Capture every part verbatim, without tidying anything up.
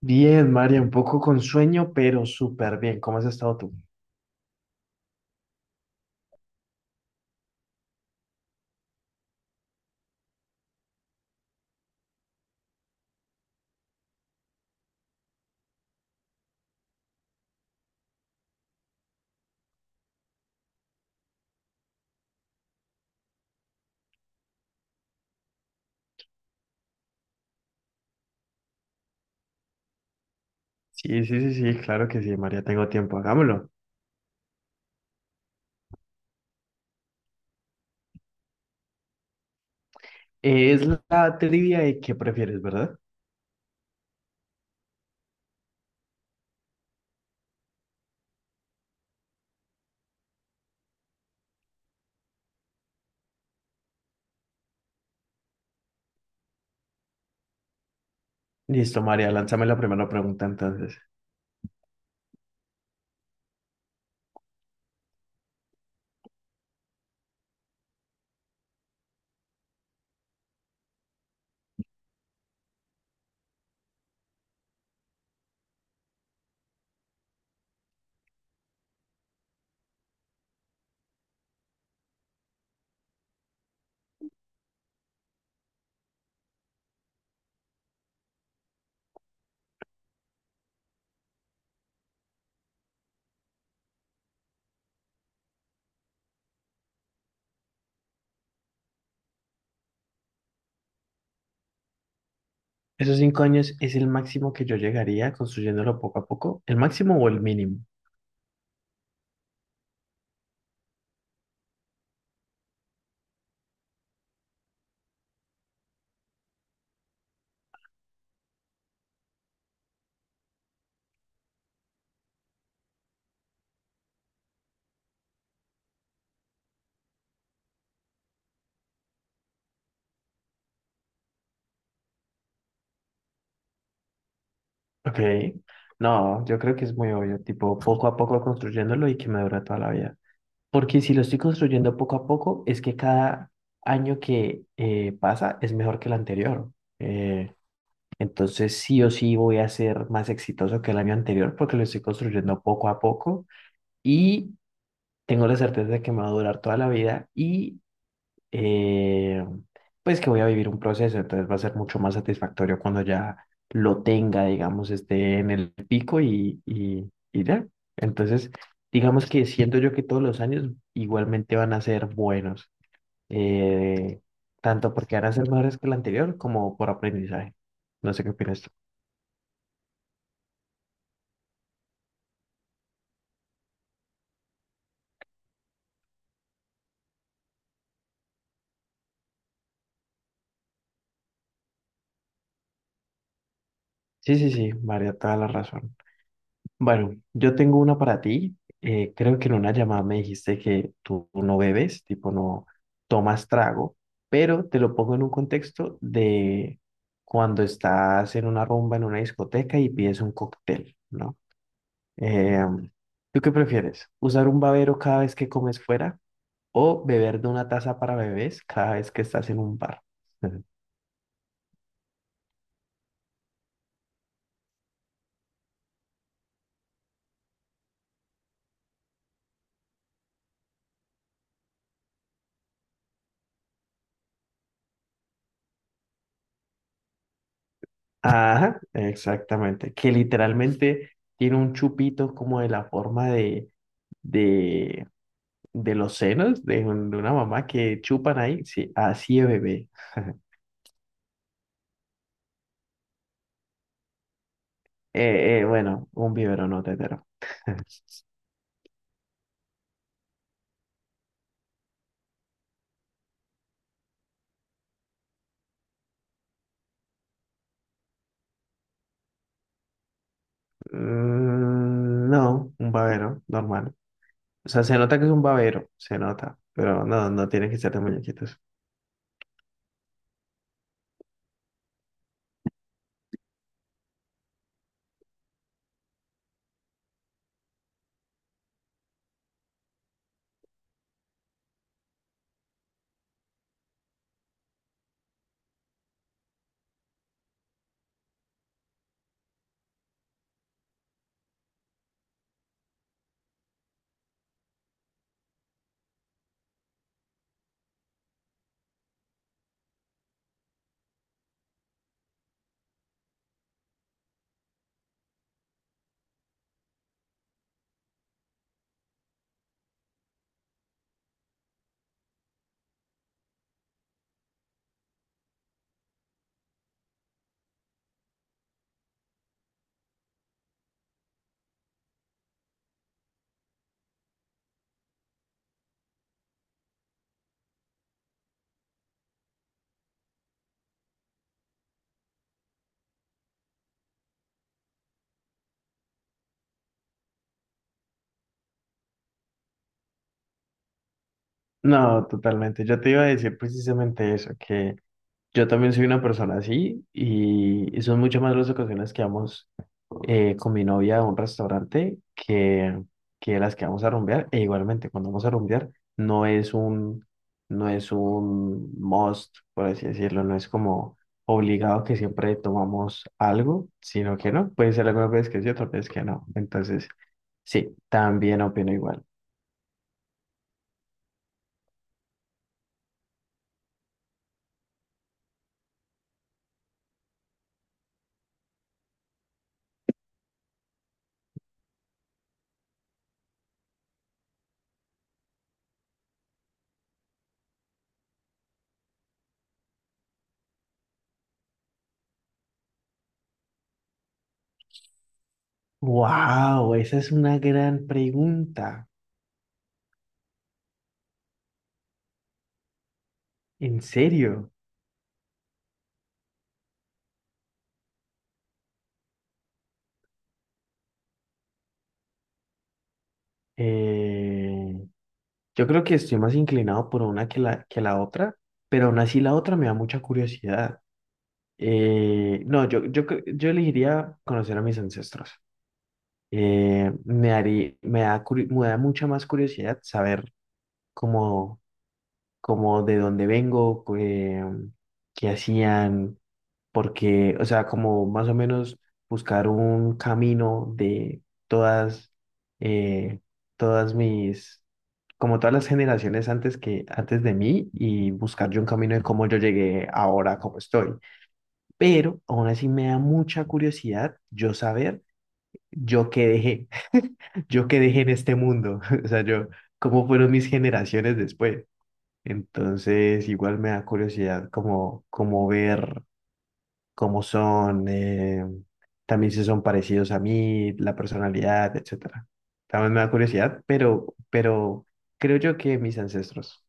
Bien, María, un poco con sueño, pero súper bien. ¿Cómo has estado tú? Sí, sí, sí, sí, claro que sí, María, tengo tiempo, hagámoslo. Es la trivia de qué prefieres, ¿verdad? Listo, María, lánzame la primera pregunta entonces. ¿Esos cinco años es el máximo que yo llegaría construyéndolo poco a poco? ¿El máximo o el mínimo? Ok. No, yo creo que es muy obvio, tipo poco a poco construyéndolo y que me dura toda la vida. Porque si lo estoy construyendo poco a poco, es que cada año que eh, pasa es mejor que el anterior. Eh, Entonces sí o sí voy a ser más exitoso que el año anterior porque lo estoy construyendo poco a poco y tengo la certeza de que me va a durar toda la vida y eh, pues que voy a vivir un proceso. Entonces va a ser mucho más satisfactorio cuando ya lo tenga, digamos, esté en el pico y, y, y ya. Entonces, digamos que siento yo que todos los años igualmente van a ser buenos, eh, tanto porque van a ser mejores que el anterior como por aprendizaje. No sé qué opinas tú. Sí, sí, sí, María, toda la razón. Bueno, yo tengo una para ti. Eh, creo que en una llamada me dijiste que tú no bebes, tipo no tomas trago, pero te lo pongo en un contexto de cuando estás en una rumba, en una discoteca y pides un cóctel, ¿no? Em, ¿Tú qué prefieres? ¿Usar un babero cada vez que comes fuera o beber de una taza para bebés cada vez que estás en un bar? Ajá, exactamente. Que literalmente tiene un chupito como de la forma de, de, de los senos de, un- de una mamá que chupan ahí. Sí, así es bebé. Eh, eh, bueno, un biberón no tetero. Mm, no, un babero, normal. O sea, se nota que es un babero, se nota. Pero no, no tiene que ser de muñequitos. No, totalmente. Yo te iba a decir precisamente eso. Yo también soy una persona así y, y son mucho más las ocasiones que vamos eh, con mi novia a un restaurante que, que las que vamos a rumbear. E igualmente, cuando vamos a rumbear, no es un, no es un must, por así decirlo, no es como obligado que siempre tomamos algo, sino que no, puede ser alguna vez que sí, otra vez que no. Entonces, sí, también opino igual. Wow, esa es una gran pregunta. ¿En serio? Eh, Yo creo que estoy más inclinado por una que la, que la otra, pero aún así la otra me da mucha curiosidad. Eh, no, yo, yo, cre- yo elegiría conocer a mis ancestros. Eh, me haría, me da, curi- me da mucha más curiosidad saber cómo, cómo de dónde vengo, eh, qué hacían, porque, o sea, como más o menos buscar un camino de todas, eh, todas mis como todas las generaciones antes que antes de mí y buscar yo un camino de cómo yo llegué ahora como estoy. Pero aún así me da mucha curiosidad yo saber yo qué dejé, yo qué dejé en este mundo, o sea, yo cómo fueron mis generaciones después. Entonces, igual me da curiosidad como como ver cómo son eh, también si son parecidos a mí, la personalidad, etcétera. También me da curiosidad, pero pero creo yo que mis ancestros.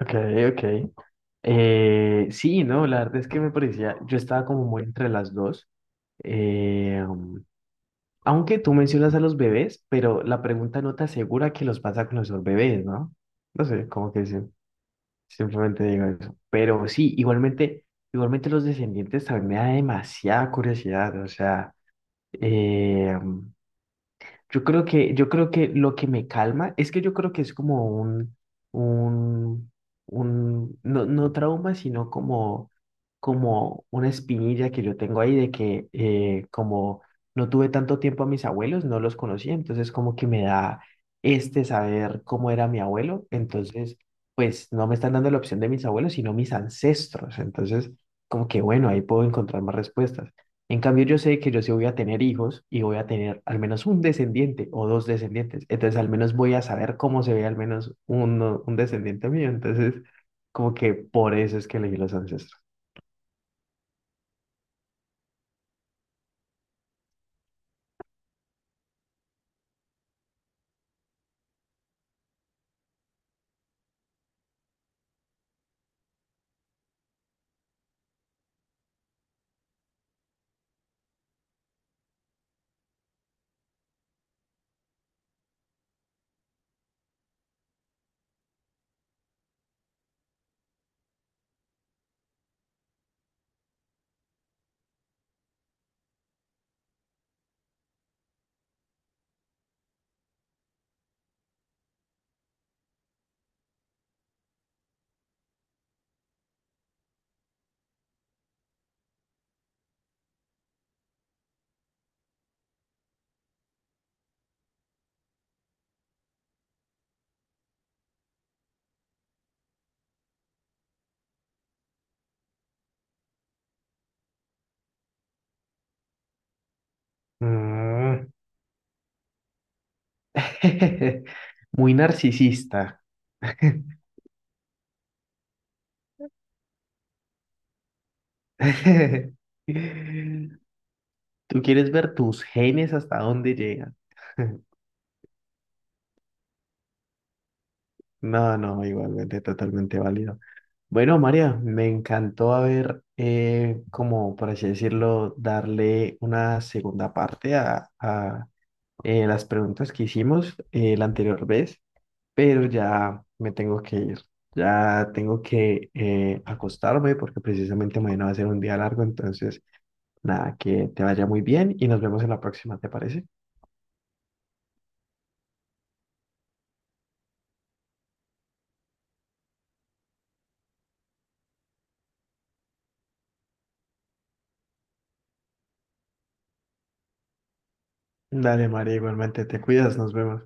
Ok, ok. Eh, sí, no, la verdad es que me parecía, yo estaba como muy entre las dos. Eh, um, Aunque tú mencionas a los bebés, pero la pregunta no te asegura que los vas a conocer bebés, ¿no? No sé, como que sí, simplemente digo eso. Pero sí, igualmente, igualmente los descendientes también me da demasiada curiosidad, o sea, eh, yo creo que, yo creo que lo que me calma es que yo creo que es como un, un, un, no, no trauma, sino como, como una espinilla que yo tengo ahí de que eh, como no tuve tanto tiempo a mis abuelos, no los conocía, entonces como que me da este saber cómo era mi abuelo, entonces pues no me están dando la opción de mis abuelos, sino mis ancestros, entonces como que bueno, ahí puedo encontrar más respuestas. En cambio, yo sé que yo sí voy a tener hijos y voy a tener al menos un descendiente o dos descendientes. Entonces, al menos voy a saber cómo se ve al menos uno, un descendiente mío. Entonces, como que por eso es que elegí los ancestros. Mm. Muy narcisista. ¿Tú quieres ver tus genes hasta dónde llegan? No, no, igualmente totalmente válido. Bueno, María, me encantó haber, eh, como por así decirlo, darle una segunda parte a, a, eh, las preguntas que hicimos eh, la anterior vez, pero ya me tengo que ir. Ya tengo que eh, acostarme porque precisamente mañana va a ser un día largo, entonces nada, que te vaya muy bien y nos vemos en la próxima, ¿te parece? Dale, María, igualmente te cuidas, nos vemos.